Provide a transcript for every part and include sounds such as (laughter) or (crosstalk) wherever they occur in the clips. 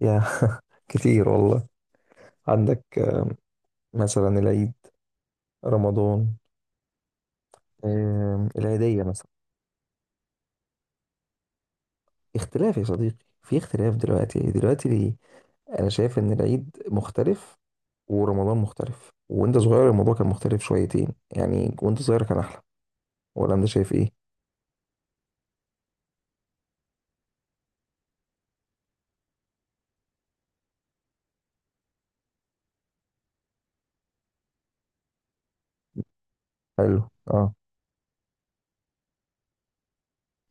يا (laughs) كتير والله. عندك مثلا العيد، رمضان. العيدية مثلا اختلاف يا صديقي، في اختلاف. دلوقتي ليه؟ أنا شايف إن العيد مختلف ورمضان مختلف، وأنت صغير الموضوع كان مختلف شويتين يعني، وأنت صغير كان أحلى. ولا أنت شايف إيه؟ حلو أه.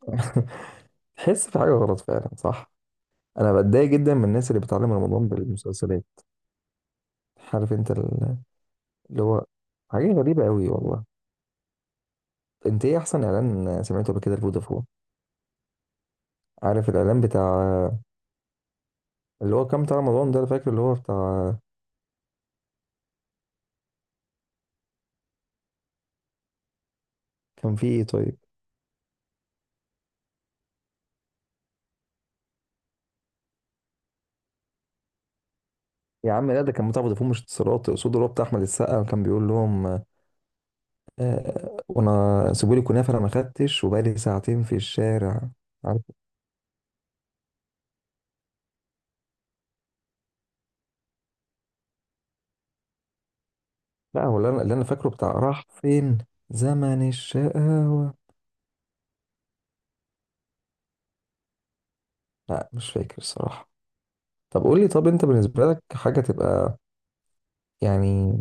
(laughs) تحس في حاجة غلط فعلا، صح. أنا بتضايق جدا من الناس اللي بتعلم رمضان بالمسلسلات. عارف أنت اللي هو حاجة غريبة أوي والله. أنت إيه أحسن إعلان سمعته قبل كده لفودافون؟ عارف الاعلان بتاع، اللي هو كام بتاع رمضان ده. انا فاكر اللي هو بتاع. كان فيه ايه طيب؟ يا عم لا، ده كان بتاع فودافون مش اتصالات، اقصد اللي هو بتاع احمد السقا، كان بيقول لهم وانا سيبوا لي كنافه، انا ما خدتش، وبقالي ساعتين في الشارع. عارف؟ لا هو اللي انا فاكره بتاع راح فين، زمن الشقاوه. لا مش فاكر الصراحه. طب قول لي، طب انت بالنسبه لك حاجه تبقى يعني.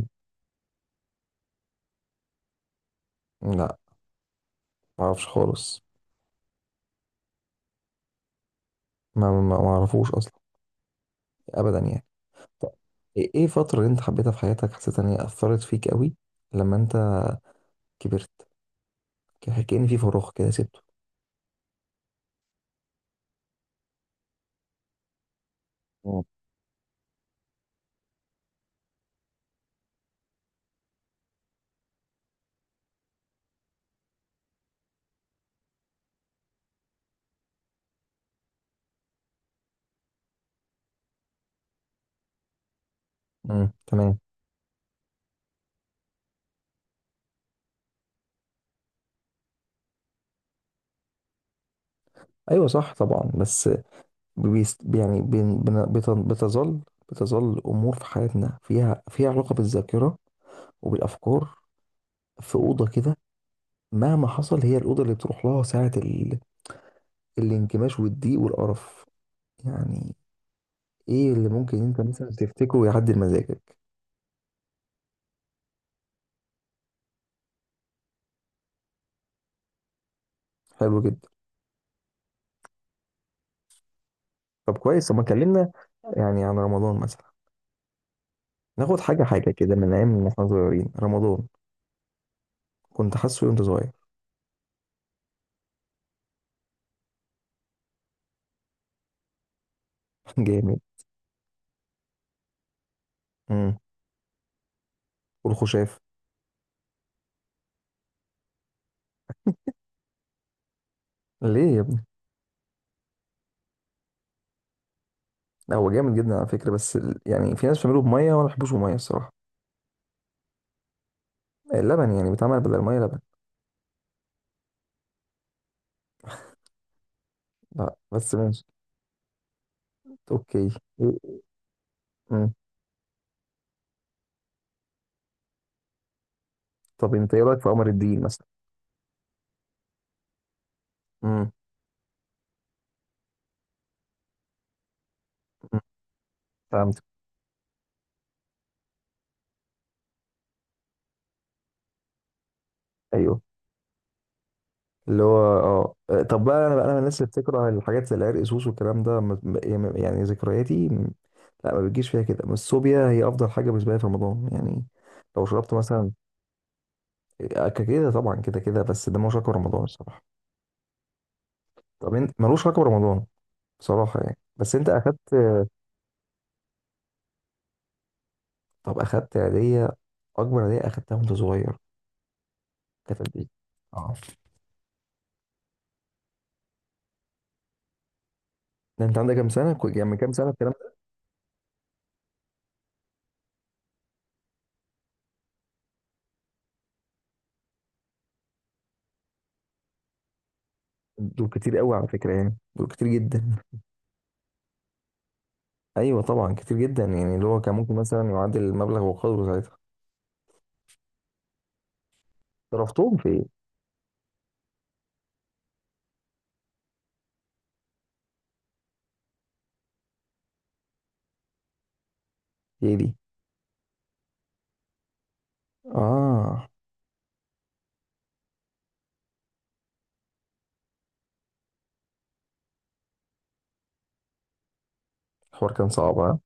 لا، ما اعرفش خالص. ما اعرفوش اصلا، ابدا يعني. طب إيه الفترة اللي انت حبيتها في حياتك، حسيت ان هي اثرت فيك قوي لما انت كبرت؟ كأن في فراغ كده سبته. مم. تمام. ايوه صح طبعا. بس بيست يعني بتظل امور في حياتنا، فيها علاقه بالذاكره وبالافكار، في اوضه كده. مهما حصل هي الاوضه اللي بتروح لها ساعه الانكماش والضيق والقرف يعني. ايه اللي ممكن انت مثلا تفتكره يعدل مزاجك؟ حلو جدا. طب كويس، طب ما كلمنا يعني عن رمضان مثلا. ناخد حاجة حاجة كده من أيام ما احنا صغيرين رمضان، كنت حاسه وأنت صغير. (laughs) جامد. امم والخشاف. ليه يا ابني؟ هو جامد جدا على فكرة، بس يعني في ناس بتعمله بمية، وأنا ما بحبوش بمية الصراحة. اللبن يعني بيتعمل بدل المية لبن. لا بس ماشي. أوكي إيه. امم طب أنت إيه رأيك في قمر الدين مثلا؟ امم امم فهمت. أيوه اللي هو طب بقى انا من الناس اللي بتكره الحاجات زي العرق سوس والكلام ده، يعني ذكرياتي لا ما بتجيش فيها كده. بس الصوبيا هي افضل حاجه بالنسبه لي في رمضان يعني. لو شربت مثلا كده طبعا كده كده. بس ده ملوش علاقه برمضان الصراحه. طب انت ملوش علاقه برمضان بصراحه يعني، بس انت اخدت. طب اخدت هديه، اكبر هديه اخدتها وانت صغير كانت قد ايه؟ اه، ده انت عندك كام سنه؟ يعني من كام سنه الكلام ده؟ دول كتير قوي على فكره يعني، دول كتير جدا. ايوه طبعا كتير جدا، يعني اللي هو كان ممكن مثلا يعادل المبلغ وقدره ساعتها. صرفتهم في ايه؟ في ايه دي؟ اه، الحوار كان صعب ها.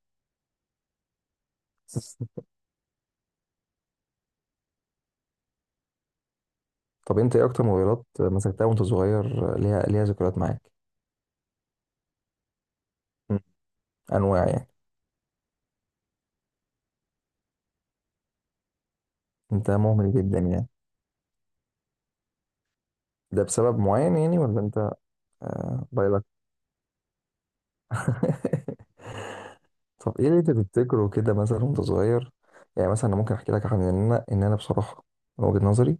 (laughs) طب انت ايه اكتر موبايلات مسكتها وانت صغير، ليها ذكريات معاك؟ مم. انواع يعني. انت مهمل جدا يعني؟ ده بسبب معين يعني ولا انت؟ آه، بايلك. (laughs) طب ايه اللي انت تفتكره كده مثلا وانت صغير؟ يعني مثلا انا ممكن احكي لك عن ان انا بصراحه من وجهه نظري،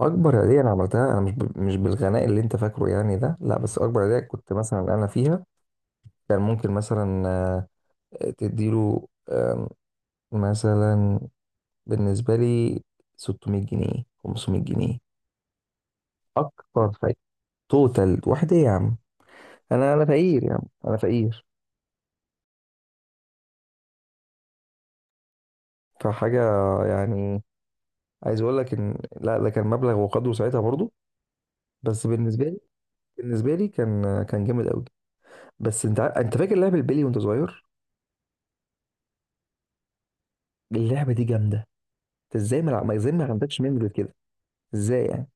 اكبر هديه انا عملتها انا مش بالغناء اللي انت فاكره يعني ده، لا. بس اكبر هديه كنت مثلا انا فيها كان ممكن مثلا تديله مثلا بالنسبه لي 600 جنيه، 500 جنيه اكتر فايده. توتال واحده يا عم. انا فقير يا عم، انا فقير. فحاجه يعني، عايز اقول لك ان لا ده كان مبلغ وقدره ساعتها برضو. بس بالنسبه لي كان جامد قوي. بس انت انت فاكر لعب البلي وانت صغير؟ اللعبه دي جامده. انت ازاي ما عندكش ميموري كده؟ ازاي يعني؟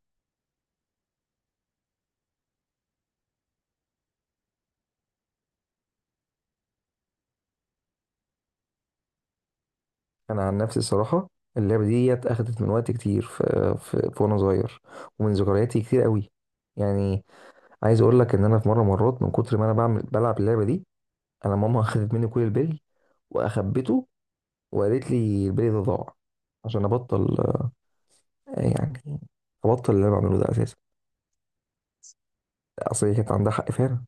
انا عن نفسي صراحه، اللعبه دي اخدت من وقت كتير، في وانا صغير، ومن ذكرياتي كتير قوي يعني. عايز اقول لك ان انا في مره مرات من كتر ما انا بعمل بلعب اللعبه دي، انا ماما (laughs) اخدت مني كل البلي، واخبته وقالت لي البلي ده ضاع، عشان ابطل يعني ابطل اللي انا بعمله ده اساسا. اصل هي كانت عندها حق فعلا.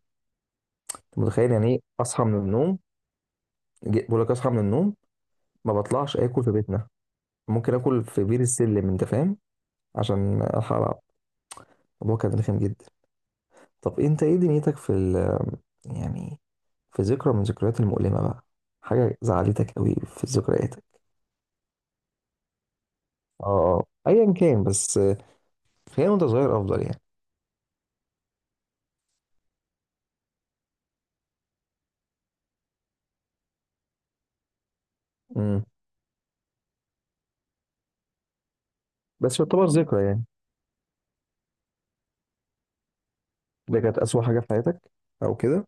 انت متخيل يعني ايه اصحى من النوم، بقول لك اصحى من النوم، ما بطلعش اكل في بيتنا. ممكن اكل في بير السلم انت فاهم، عشان ألحق ألعب. الموضوع كان رخم جدا. طب أنت إيه دنيتك في يعني في ذكرى من ذكريات المؤلمة بقى، حاجة زعلتك قوي في ذكرياتك؟ اه آه. أيا كان، بس خلينا وأنت صغير أفضل يعني. امم بس يعتبر ذكرى يعني. اللي كانت أسوأ حاجة في حياتك أو كده.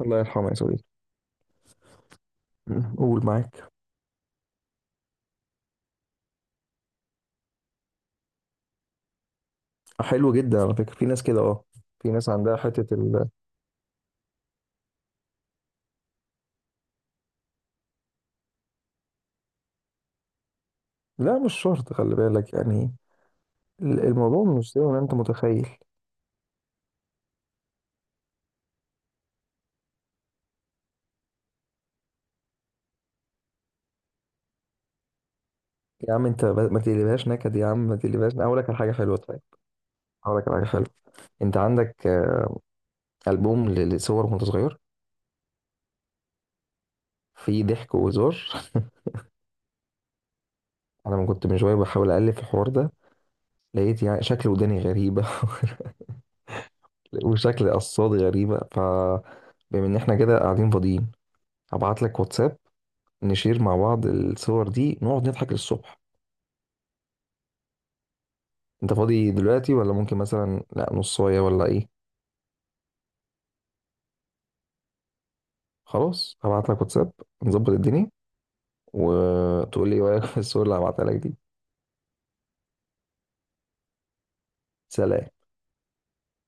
الله يرحمه يا صديقي. مم. قول معاك. حلو جدا على فكرة، في ناس كده اه. في ناس عندها حتة لا مش شرط، خلي بالك يعني. الموضوع مش زي ما انت متخيل. يا عم انت ما تقلبهاش نكد، يا عم ما تقلبهاش. أنا هقول لك على حاجه حلوه، طيب هقول لك على حاجه حلوه. انت عندك البوم لصور وانت صغير، في ضحك وهزار. (laughs) انا من كنت من شويه بحاول اقلب في الحوار ده، لقيت يعني شكل وداني غريبه، (laughs) وشكل قصاد غريبه. ف بما ان احنا كده قاعدين فاضيين، هبعت لك واتساب، نشير مع بعض الصور دي، نقعد نضحك للصبح. انت فاضي دلوقتي ولا ممكن مثلا لا نصايه ولا ايه؟ خلاص هبعت لك واتساب، نظبط الدنيا، وتقول لي ايه رايك في الصور اللي هبعتها لك دي. سلام.